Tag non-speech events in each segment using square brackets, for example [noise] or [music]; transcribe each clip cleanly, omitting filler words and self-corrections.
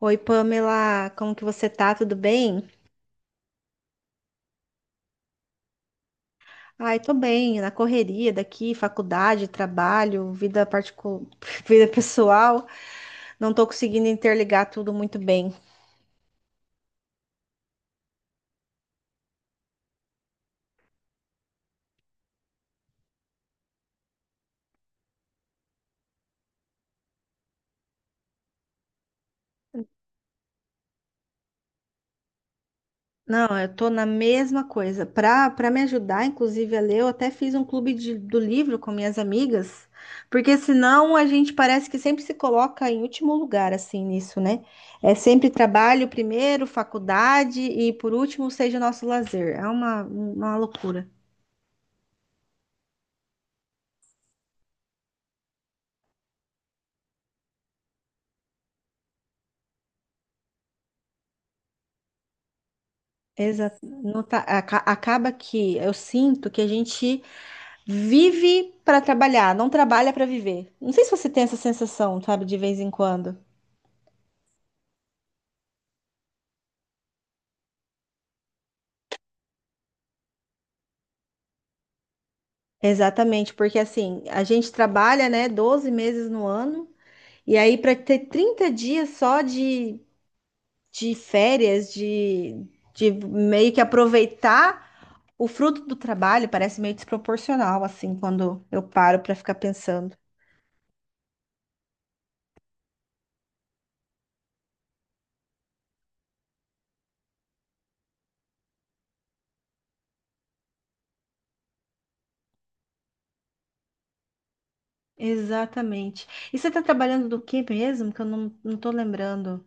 Oi, Pamela, como que você tá? Tudo bem? Ai, tô bem, na correria daqui, faculdade, trabalho, vida particular, [laughs] vida pessoal, não tô conseguindo interligar tudo muito bem. Não, eu tô na mesma coisa. Pra me ajudar, inclusive, a ler, eu até fiz um clube do livro com minhas amigas, porque senão a gente parece que sempre se coloca em último lugar, assim, nisso, né? É sempre trabalho primeiro, faculdade e por último seja o nosso lazer. É uma loucura. Exato. Não tá- aca- Acaba que eu sinto que a gente vive para trabalhar, não trabalha para viver. Não sei se você tem essa sensação, sabe, de vez em quando. Exatamente, porque assim, a gente trabalha, né, 12 meses no ano, e aí para ter 30 dias só de férias, de meio que aproveitar o fruto do trabalho, parece meio desproporcional, assim, quando eu paro para ficar pensando. Exatamente. E você está trabalhando do que mesmo? Que eu não tô lembrando.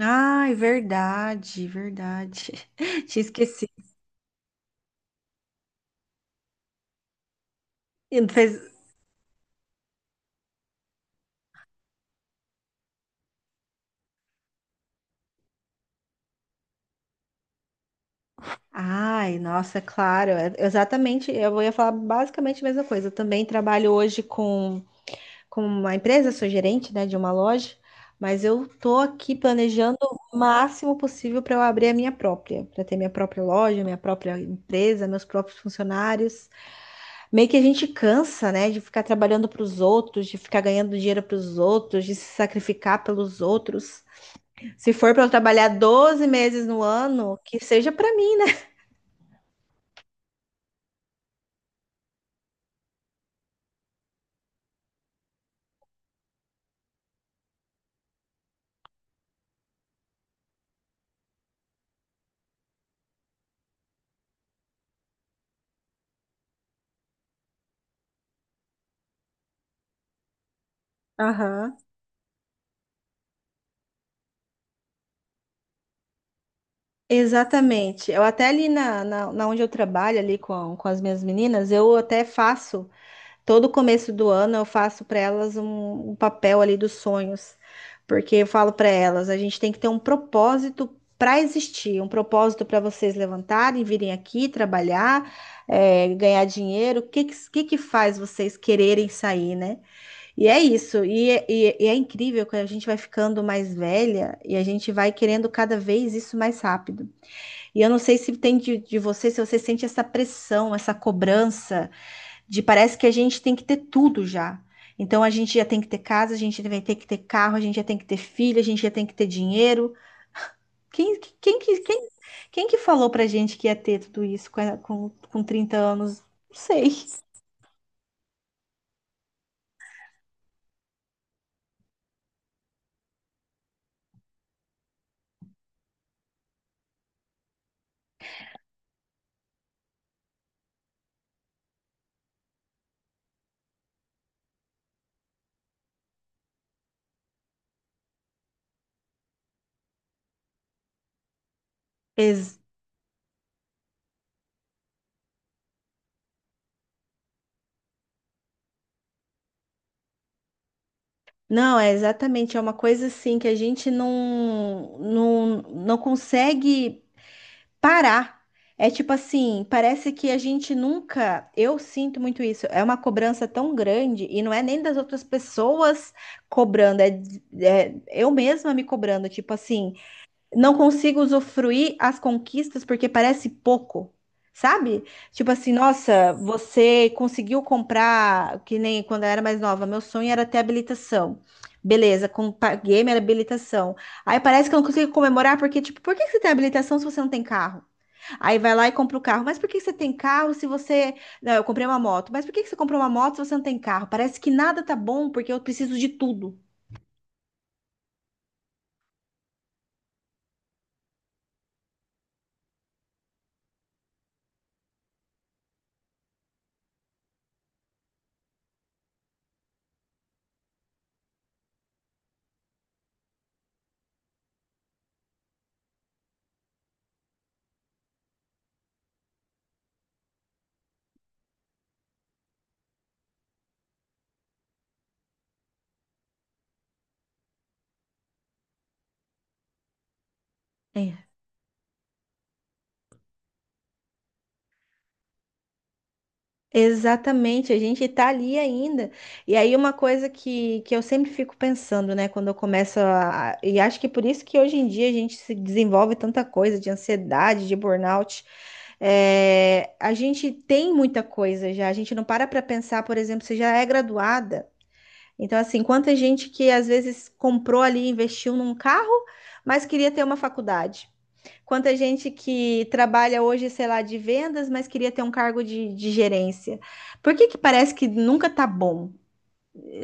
Ai, verdade, verdade. [laughs] Tinha esquecido. E não fez- Ai, nossa, é claro. Exatamente. Eu ia falar basicamente a mesma coisa. Eu também trabalho hoje com uma empresa, sou gerente, né, de uma loja, mas eu tô aqui planejando o máximo possível para eu abrir a minha própria, para ter minha própria loja, minha própria empresa, meus próprios funcionários. Meio que a gente cansa, né, de ficar trabalhando para os outros, de ficar ganhando dinheiro para os outros, de se sacrificar pelos outros. Se for para eu trabalhar 12 meses no ano, que seja para mim. Aham. Exatamente. Eu até ali na onde eu trabalho, ali com as minhas meninas, eu até faço. Todo começo do ano eu faço para elas um papel ali dos sonhos, porque eu falo para elas, a gente tem que ter um propósito para existir, um propósito para vocês levantarem, virem aqui trabalhar, ganhar dinheiro. O que faz vocês quererem sair, né? E é isso. E é incrível que a gente vai ficando mais velha e a gente vai querendo cada vez isso mais rápido. E eu não sei se de você, se você sente essa pressão, essa cobrança. De parece que a gente tem que ter tudo já. Então a gente já tem que ter casa, a gente vai ter que ter carro, a gente já tem que ter filho, a gente já tem que ter dinheiro. Quem, quem, que- quem, quem que falou pra gente que ia ter tudo isso com 30 anos? Não sei. Ex- não, é exatamente, é uma coisa assim que a gente não consegue parar. É tipo assim, parece que a gente nunca. Eu sinto muito isso. É uma cobrança tão grande e não é nem das outras pessoas cobrando, é eu mesma me cobrando. Tipo assim, não consigo usufruir as conquistas porque parece pouco. Sabe? Tipo assim, nossa, você conseguiu comprar, que nem quando eu era mais nova, meu sonho era ter habilitação. Beleza, paguei minha habilitação. Aí parece que eu não consigo comemorar, porque, tipo, por que que você tem habilitação se você não tem carro? Aí vai lá e compra o carro. Mas por que que você tem carro se você. Não, eu comprei uma moto. Mas por que que você comprou uma moto se você não tem carro? Parece que nada tá bom porque eu preciso de tudo. É. Exatamente, a gente tá ali ainda. E aí, uma coisa que eu sempre fico pensando, né, quando eu começo a. E acho que é por isso que hoje em dia a gente se desenvolve tanta coisa de ansiedade, de burnout. É, a gente tem muita coisa já, a gente não para para pensar, por exemplo, você já é graduada. Então, assim, quanta gente que às vezes comprou ali, investiu num carro, mas queria ter uma faculdade. Quanta gente que trabalha hoje, sei lá, de vendas, mas queria ter um cargo de gerência. Por que que parece que nunca tá bom,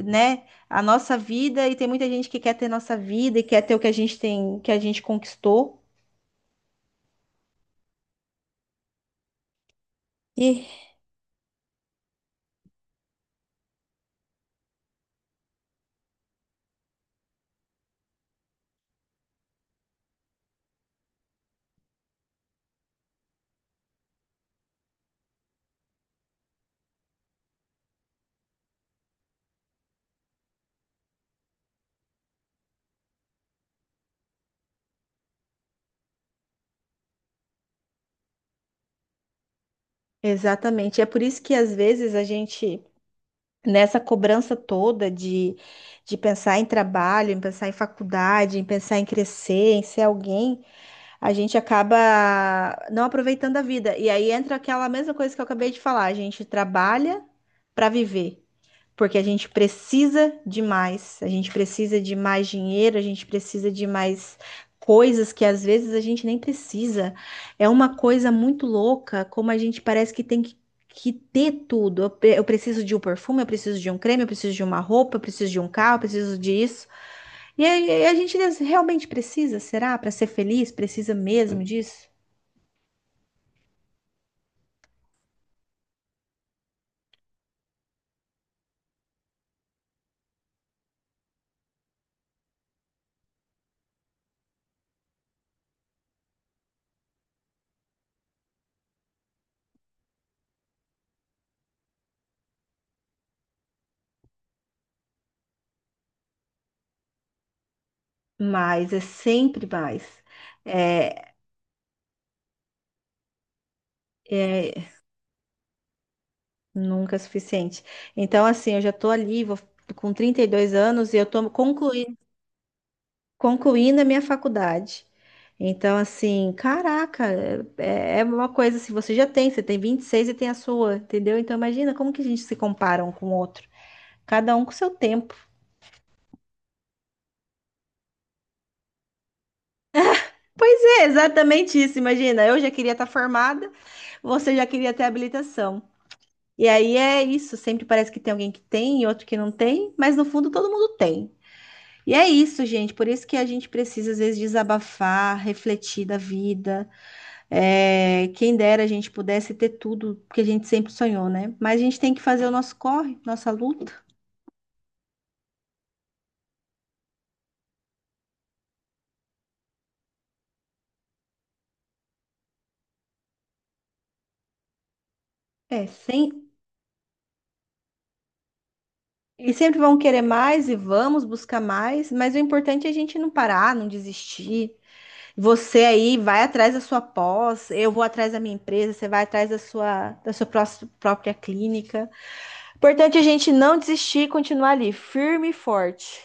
né? A nossa vida, e tem muita gente que quer ter nossa vida e quer ter o que a gente tem, que a gente conquistou. E exatamente. É por isso que às vezes a gente nessa cobrança toda de pensar em trabalho, em pensar em faculdade, em pensar em crescer, em ser alguém, a gente acaba não aproveitando a vida. E aí entra aquela mesma coisa que eu acabei de falar, a gente trabalha para viver porque a gente precisa de mais, a gente precisa de mais dinheiro, a gente precisa de mais coisas que às vezes a gente nem precisa. É uma coisa muito louca, como a gente parece que tem que ter tudo. Eu preciso de um perfume, eu preciso de um creme, eu preciso de uma roupa, eu preciso de um carro, eu preciso disso. E aí, a gente realmente precisa, será? Para ser feliz, precisa mesmo disso? Mas é sempre mais. É, é, Nunca é suficiente. Então, assim, eu já estou ali, vou, com 32 anos, e eu estou concluindo a minha faculdade. Então, assim, caraca, é uma coisa assim, você já tem, você tem 26 e seis e tem a sua, entendeu? Então, imagina como que a gente se compara um com o outro, cada um com seu tempo. Pois é, exatamente isso, imagina, eu já queria estar formada, você já queria ter habilitação. E aí é isso, sempre parece que tem alguém que tem e outro que não tem, mas no fundo todo mundo tem. E é isso, gente. Por isso que a gente precisa, às vezes, desabafar, refletir da vida. É, quem dera a gente pudesse ter tudo que a gente sempre sonhou, né? Mas a gente tem que fazer o nosso corre, nossa luta. É, sem… E sempre vão querer mais e vamos buscar mais, mas o importante é a gente não parar, não desistir. Você aí vai atrás da sua pós, eu vou atrás da minha empresa, você vai atrás da sua, própria clínica. O importante é a gente não desistir e continuar ali, firme e forte.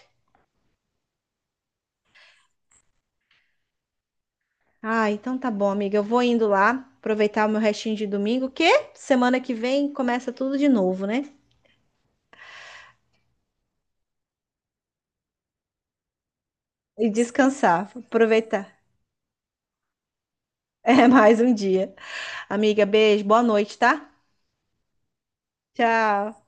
Ah, então tá bom, amiga. Eu vou indo lá, aproveitar o meu restinho de domingo, que semana que vem começa tudo de novo, né? E descansar, aproveitar. [laughs] É mais um dia. Amiga, beijo, boa noite, tá? Tchau.